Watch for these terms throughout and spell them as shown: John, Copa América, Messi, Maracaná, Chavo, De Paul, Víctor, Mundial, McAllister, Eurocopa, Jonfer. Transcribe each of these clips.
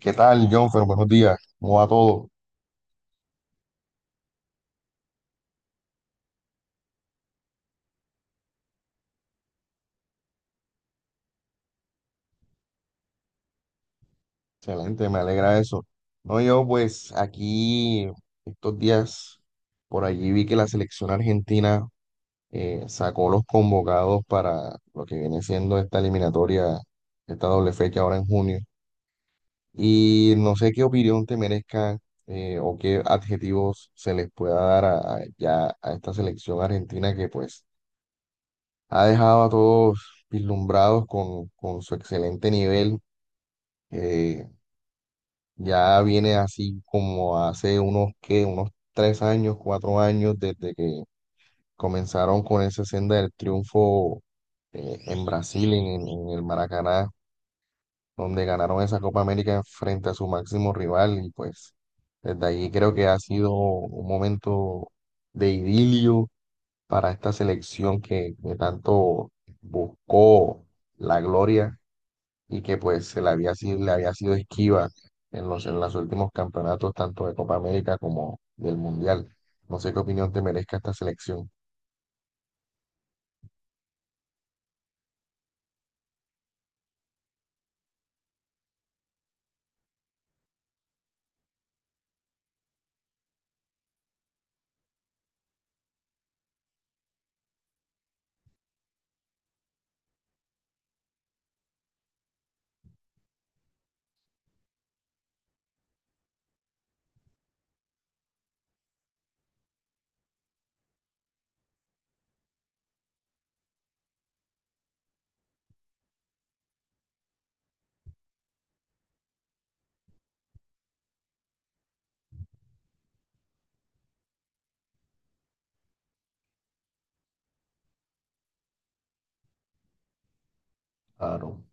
¿Qué tal, John? Buenos días. ¿Cómo va todo? Excelente, me alegra eso. No, yo pues aquí estos días por allí vi que la selección argentina sacó los convocados para lo que viene siendo esta eliminatoria, esta doble fecha ahora en junio. Y no sé qué opinión te merezca o qué adjetivos se les pueda dar ya a esta selección argentina que pues ha dejado a todos vislumbrados con su excelente nivel. eh, Ya viene así como hace unos tres años, cuatro años desde que comenzaron con esa senda del triunfo en Brasil, en el Maracaná, donde ganaron esa Copa América frente a su máximo rival y pues desde ahí creo que ha sido un momento de idilio para esta selección que tanto buscó la gloria y que pues se le había sido esquiva en en los últimos campeonatos, tanto de Copa América como del Mundial. No sé qué opinión te merezca esta selección, claro.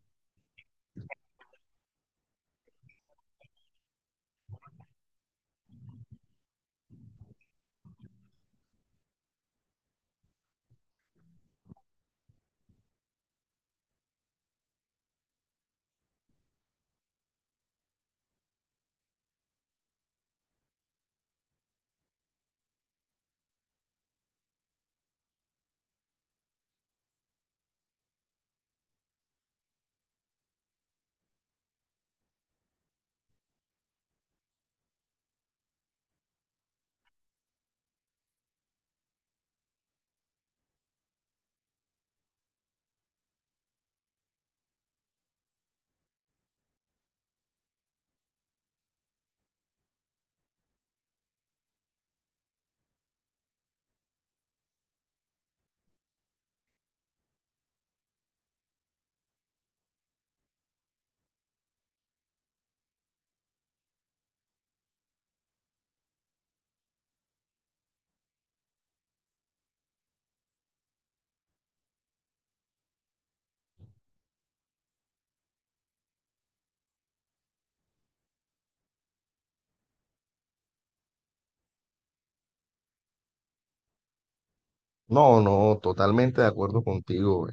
No, no, totalmente de acuerdo contigo.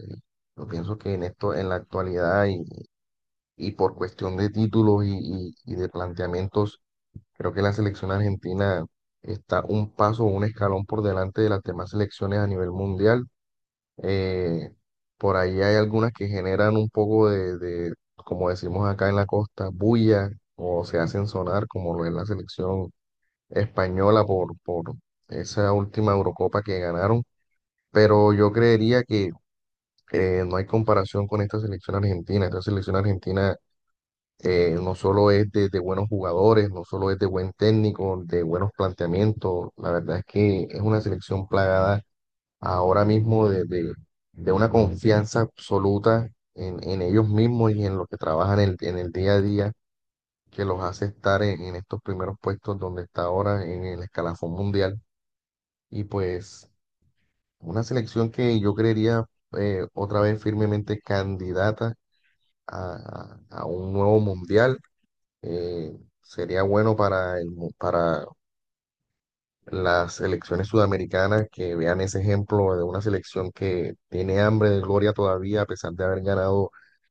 Yo pienso que en esto, en la actualidad y por cuestión de títulos y de planteamientos, creo que la selección argentina está un paso, un escalón por delante de las demás selecciones a nivel mundial. Eh, por ahí hay algunas que generan un poco como decimos acá en la costa, bulla o se hacen sonar, como lo es la selección española por esa última Eurocopa que ganaron. Pero yo creería que no hay comparación con esta selección argentina. Esta selección argentina no solo es de buenos jugadores, no solo es de buen técnico, de buenos planteamientos. La verdad es que es una selección plagada ahora mismo de una confianza absoluta en ellos mismos y en lo que trabajan en en el día a día, que los hace estar en estos primeros puestos donde está ahora en el escalafón mundial. Y pues una selección que yo creería otra vez firmemente candidata a un nuevo mundial. eh, Sería bueno para para las selecciones sudamericanas que vean ese ejemplo de una selección que tiene hambre de gloria todavía, a pesar de haber ganado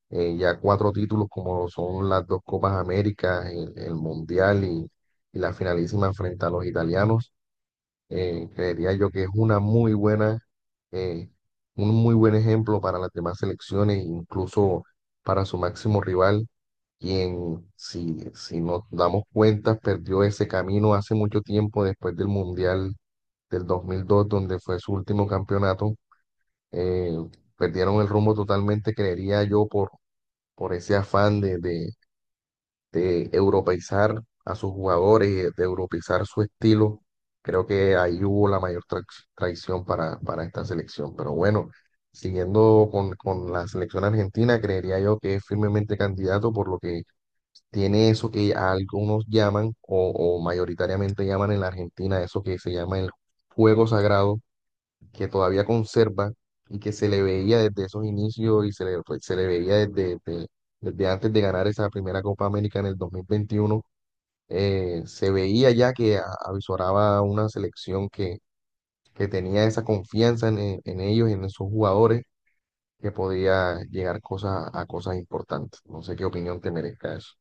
ya cuatro títulos como son las dos Copas Américas, el Mundial y la finalísima frente a los italianos. Creería yo que es una muy buena, eh, un muy buen ejemplo para las demás selecciones, incluso para su máximo rival, quien, si nos damos cuenta, perdió ese camino hace mucho tiempo después del Mundial del dos mil dos, donde fue su último campeonato. eh, Perdieron el rumbo totalmente, creería yo, por ese afán de europeizar a sus jugadores, y de europeizar su estilo. Creo que ahí hubo la mayor traición para esta selección. Pero bueno, siguiendo con la selección argentina, creería yo que es firmemente candidato por lo que tiene eso que algunos llaman o mayoritariamente llaman en la Argentina, eso que se llama el juego sagrado que todavía conserva y que se le veía desde esos inicios y se le veía desde antes de ganar esa primera Copa América en el 2021. Se veía ya que avizoraba una selección que tenía esa confianza en, en ellos, en esos jugadores, que podía llegar a cosas importantes. No sé qué opinión te merezca eso.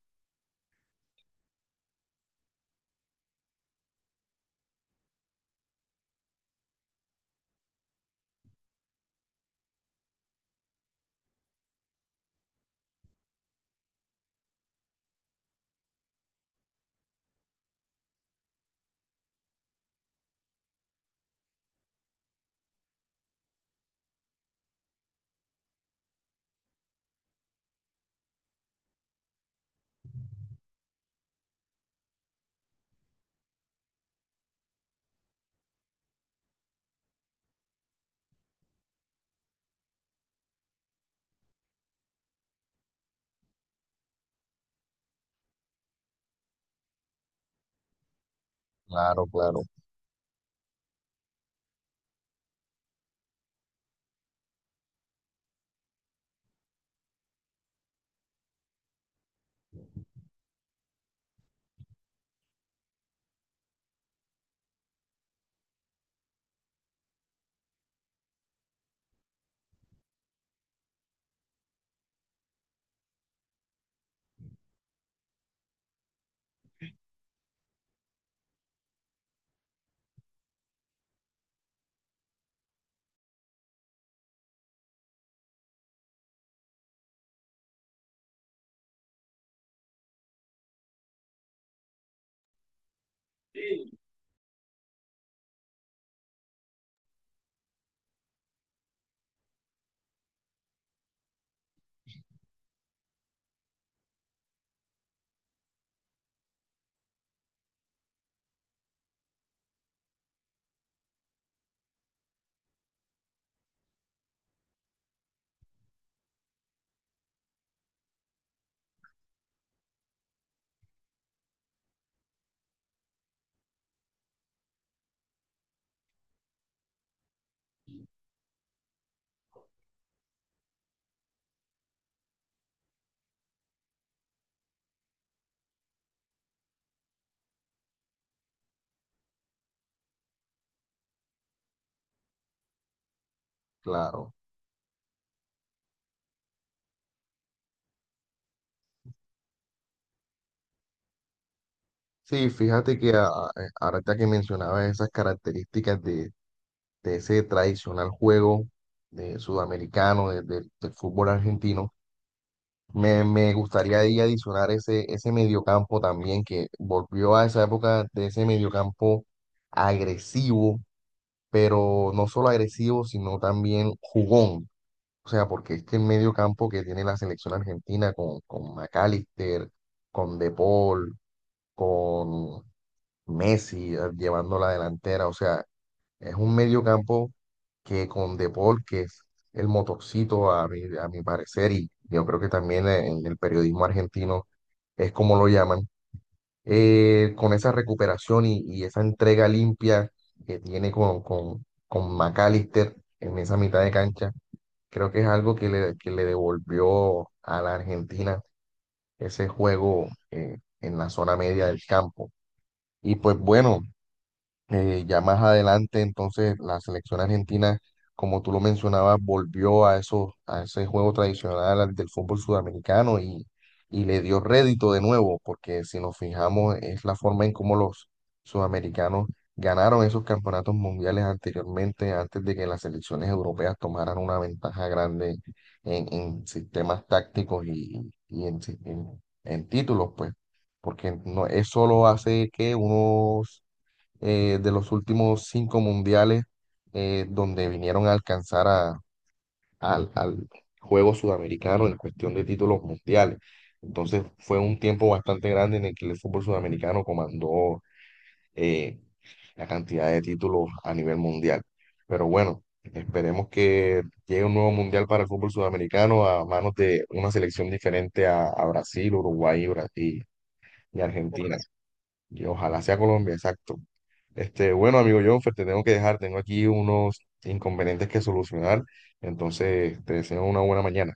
Claro, claro, claro. Sí, fíjate que ahorita que mencionabas esas características de ese tradicional juego de sudamericano, del fútbol argentino. Me gustaría ahí adicionar ese mediocampo también, que volvió a esa época de ese mediocampo agresivo, pero no solo agresivo, sino también jugón. O sea, porque es que el mediocampo que tiene la selección argentina con McAllister, con De Paul, con Messi llevando la delantera, o sea, es un mediocampo que con De Paul, que es el motorcito a a mi parecer, y yo creo que también en el periodismo argentino es como lo llaman, con esa recuperación y esa entrega limpia que tiene con McAllister en esa mitad de cancha. Creo que es algo que que le devolvió a la Argentina ese juego en la zona media del campo. Y pues bueno, ya más adelante, entonces, la selección argentina, como tú lo mencionabas, volvió a ese juego tradicional al del fútbol sudamericano y le dio rédito de nuevo, porque si nos fijamos, es la forma en cómo los sudamericanos ganaron esos campeonatos mundiales anteriormente, antes de que las selecciones europeas tomaran una ventaja grande en sistemas tácticos y en, en títulos, pues, porque no, eso lo hace que unos de los últimos 5 mundiales donde vinieron a alcanzar al, al juego sudamericano en cuestión de títulos mundiales. Entonces fue un tiempo bastante grande en el que el fútbol sudamericano comandó eh, la cantidad de títulos a nivel mundial. Pero bueno, esperemos que llegue un nuevo mundial para el fútbol sudamericano a manos de una selección diferente a Brasil, Uruguay y y Argentina. Y ojalá sea Colombia, exacto. Este, bueno, amigo Jonfer, te tengo que dejar, tengo aquí unos inconvenientes que solucionar, entonces te deseo una buena mañana.